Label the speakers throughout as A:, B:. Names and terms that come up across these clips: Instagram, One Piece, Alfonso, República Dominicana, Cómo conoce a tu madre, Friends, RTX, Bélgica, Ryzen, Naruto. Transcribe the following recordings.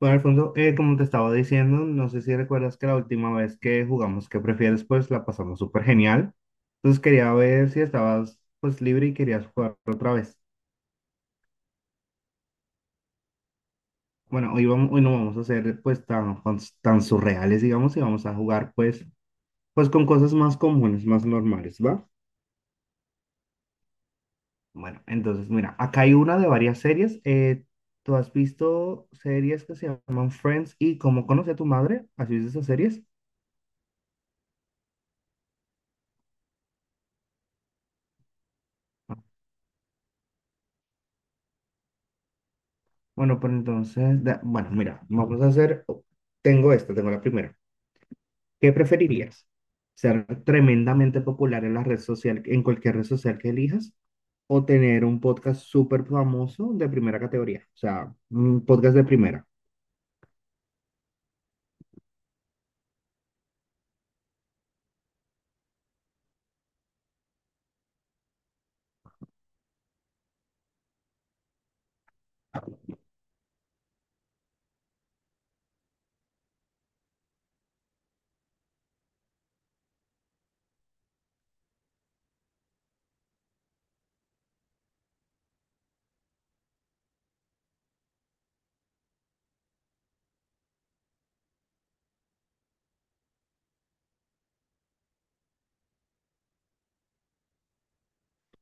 A: Bueno, Alfonso, como te estaba diciendo, no sé si recuerdas que la última vez que jugamos ¿Qué prefieres? Pues la pasamos súper genial. Entonces quería ver si estabas pues libre y querías jugar otra vez. Bueno, hoy, vamos, hoy no vamos a ser pues tan, tan surreales, digamos, y vamos a jugar pues, pues con cosas más comunes, más normales, ¿va? Bueno, entonces mira, acá hay una de varias series. ¿Tú has visto series que se llaman Friends y Cómo conoce a tu madre? ¿Has visto esas series? Bueno, pues entonces, bueno, mira, vamos a hacer, tengo esta, tengo la primera. ¿Qué preferirías? ¿Ser tremendamente popular en la red social, en cualquier red social que elijas? ¿O tener un podcast súper famoso de primera categoría? O sea, un podcast de primera.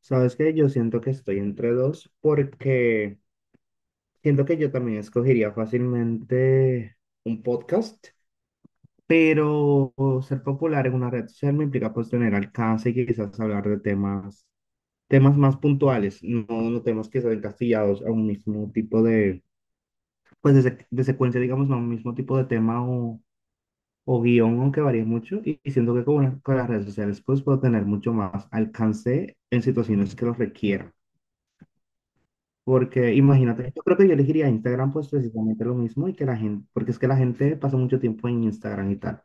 A: ¿Sabes qué? Yo siento que estoy entre dos porque siento que yo también escogería fácilmente un podcast. Pero ser popular en una red social me implica pues tener alcance y quizás hablar de temas temas más puntuales, no, no temas que sean encastillados a un mismo tipo de, pues de, de secuencia, digamos, no a un mismo tipo de tema o guión, aunque varíe mucho, y siento que con las redes sociales pues puedo tener mucho más alcance en situaciones que lo requieran. Porque imagínate, yo creo que yo elegiría Instagram pues precisamente lo mismo y que la gente, porque es que la gente pasa mucho tiempo en Instagram y tal.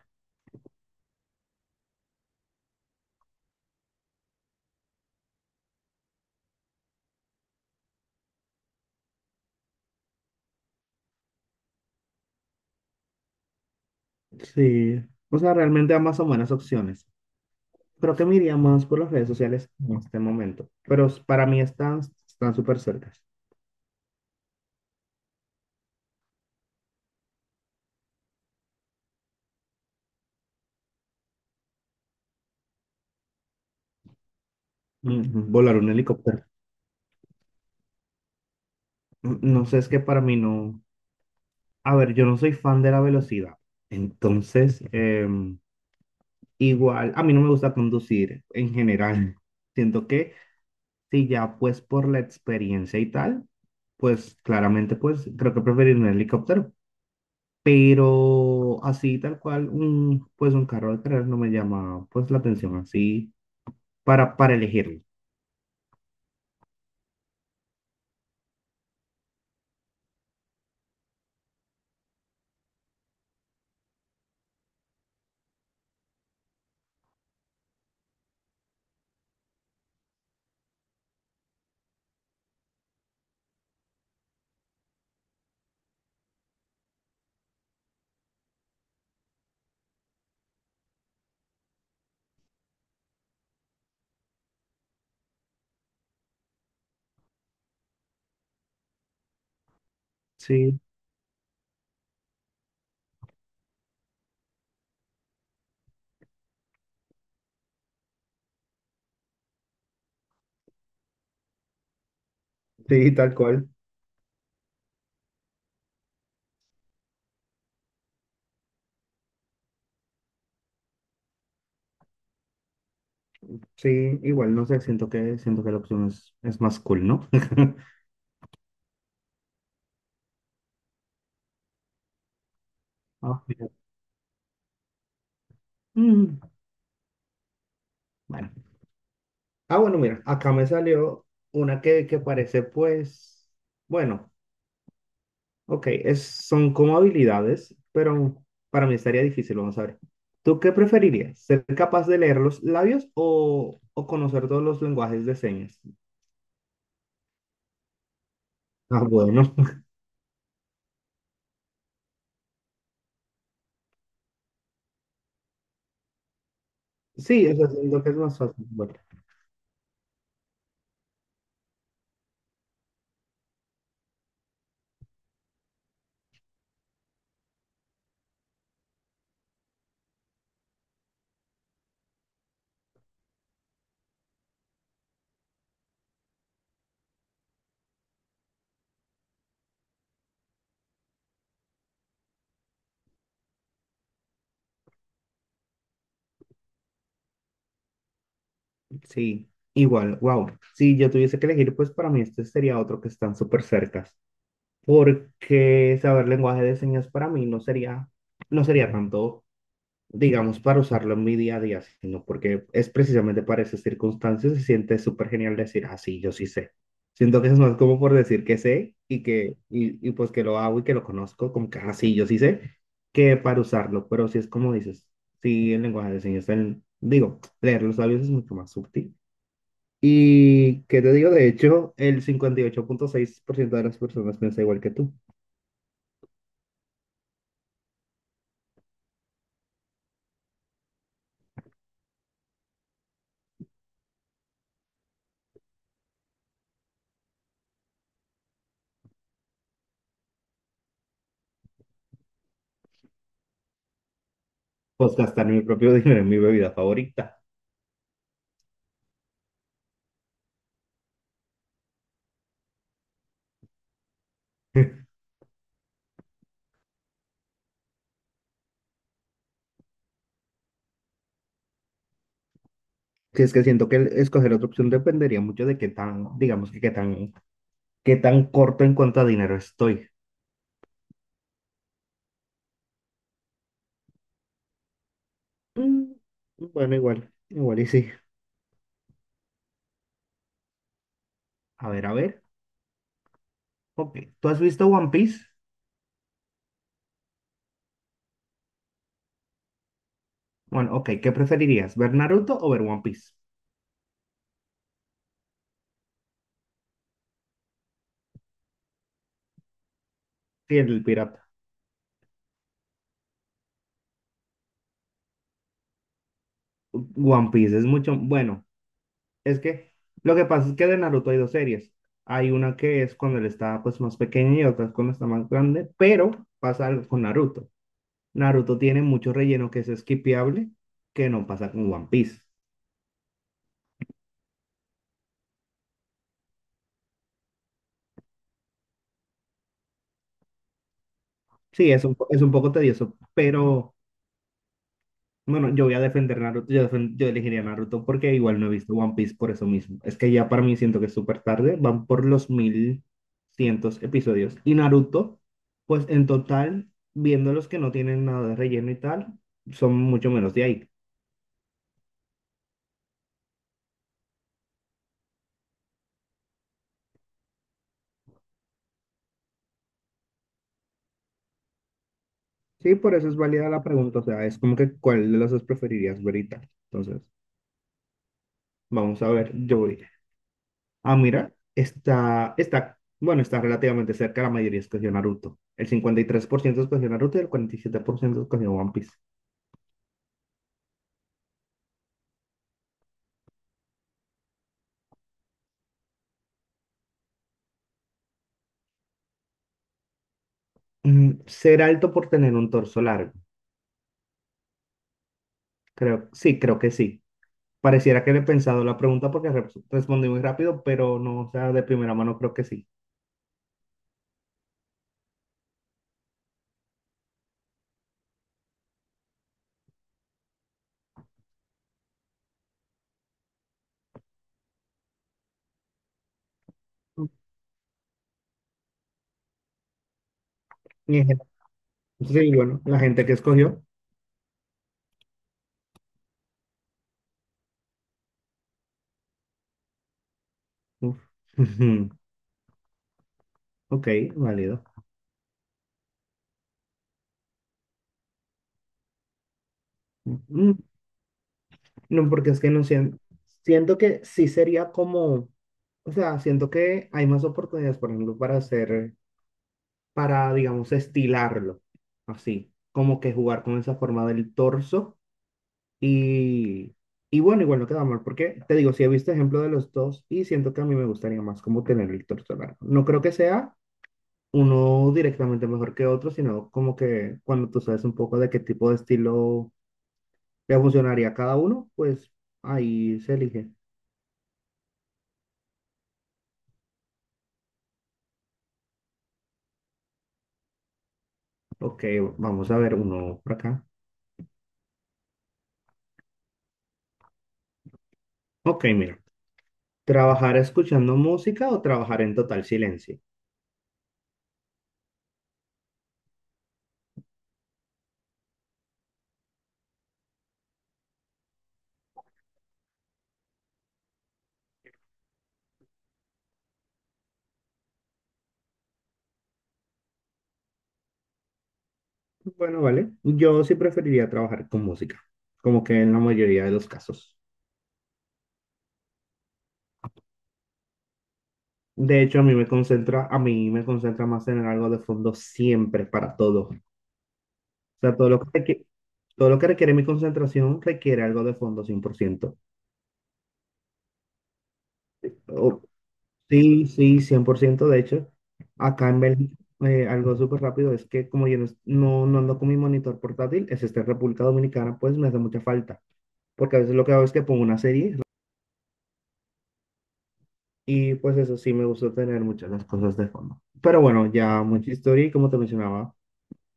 A: Sí, o sea, realmente ambas son buenas opciones. Creo que me iría más por las redes sociales en este momento, pero para mí están están súper cerca. Mm, volar un helicóptero. Mm, no sé, es que para mí no. A ver, yo no soy fan de la velocidad. Entonces, igual, a mí no me gusta conducir en general. Siento que si ya pues por la experiencia y tal, pues claramente pues creo que preferir un helicóptero. Pero así tal cual, pues un carro de carreras no me llama pues la atención así para elegirlo. Sí, sí, tal cual. Sí, igual, no sé, siento que la opción es más cool, ¿no? Ah, mira. Mm, bueno. Ah, bueno, mira, acá me salió una que parece, pues, bueno, ok, es, son como habilidades, pero para mí estaría difícil, vamos a ver. ¿Tú qué preferirías? ¿Ser capaz de leer los labios o conocer todos los lenguajes de señas? Ah, bueno. Sí, o sea, siento que es más fácil. Bueno, sí, igual, wow. Si yo tuviese que elegir, pues para mí este sería otro que están súper cerca. Porque saber lenguaje de señas para mí no sería, no sería tanto, digamos, para usarlo en mi día a día, sino porque es precisamente para esas circunstancias, se siente súper genial decir, ah, sí, yo sí sé. Siento que eso es más como por decir que sé y que, y pues que lo hago y que lo conozco, como que, ah, sí, yo sí sé, que para usarlo, pero si es como dices, sí, el lenguaje de señas, digo, leer los labios es mucho más sutil. Y que te digo, de hecho, el 58,6% de las personas piensa igual que tú. Pues gastar mi propio dinero en mi bebida favorita. Si es que siento que el escoger otra opción dependería mucho de qué tan, digamos que qué tan corto en cuanto a dinero estoy. Mm, bueno, igual, igual y sí. A ver, a ver. Ok, ¿tú has visto One Piece? Bueno, ok, ¿qué preferirías? ¿Ver Naruto o ver One Piece? Sí, el pirata. One Piece es mucho, bueno, es que lo que pasa es que de Naruto hay dos series. Hay una que es cuando él está pues más pequeño y otra es cuando está más grande, pero pasa algo con Naruto. Naruto tiene mucho relleno que es skipeable, que no pasa con One Piece. Sí, es un, es un poco tedioso, pero bueno, yo voy a defender Naruto, yo, yo elegiría Naruto porque igual no he visto One Piece por eso mismo. Es que ya para mí siento que es súper tarde, van por los mil cientos episodios. Y Naruto, pues en total, viendo los que no tienen nada de relleno y tal, son mucho menos de ahí. Sí, por eso es válida la pregunta, o sea, es como que cuál de las dos preferirías ver y tal. Entonces, vamos a ver, yo voy. Ah, mira, está, está, bueno, está relativamente cerca, la mayoría escogió Naruto. El 53% escogió Naruto y el 47% escogió One Piece. Mm, ser alto por tener un torso largo. Creo, sí, creo que sí. Pareciera que le he pensado la pregunta porque respondí muy rápido, pero no, o sea, de primera mano creo que sí. Y en gen- Sí, bueno, la gente que escogió. Uf. Ujú. Ok, válido. Mm, no, porque es que no siento, siento que sí sería como. O sea, siento que hay más oportunidades, por ejemplo, para hacer, para, digamos, estilarlo, así, como que jugar con esa forma del torso y, y bueno, igual no queda mal, porque te digo, si he visto ejemplo de los dos y siento que a mí me gustaría más como tener el torso largo. No creo que sea uno directamente mejor que otro, sino como que cuando tú sabes un poco de qué tipo de estilo le funcionaría a cada uno, pues ahí se elige. Ok, vamos a ver uno por acá. Ok, mira. ¿Trabajar escuchando música o trabajar en total silencio? Bueno, vale. Yo sí preferiría trabajar con música, como que en la mayoría de los casos. De hecho, a mí me concentra, a mí me concentra más tener algo de fondo siempre para todo. O sea, todo lo que requiere, todo lo que requiere mi concentración requiere algo de fondo 100%. O- sí, sí, 100%. De hecho, acá en Bélgica, algo súper rápido es que como yo no, no no ando con mi monitor portátil, es este en República Dominicana, pues me hace mucha falta. Porque a veces lo que hago es que pongo una serie ¿no? Y pues eso sí me gusta tener muchas las cosas de fondo. Pero bueno, ya mucha historia y como te mencionaba,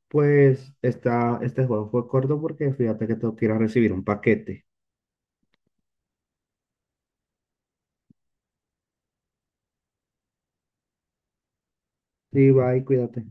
A: pues esta, este juego fue corto porque fíjate que tengo que ir a recibir un paquete. Sí, bye, cuídate.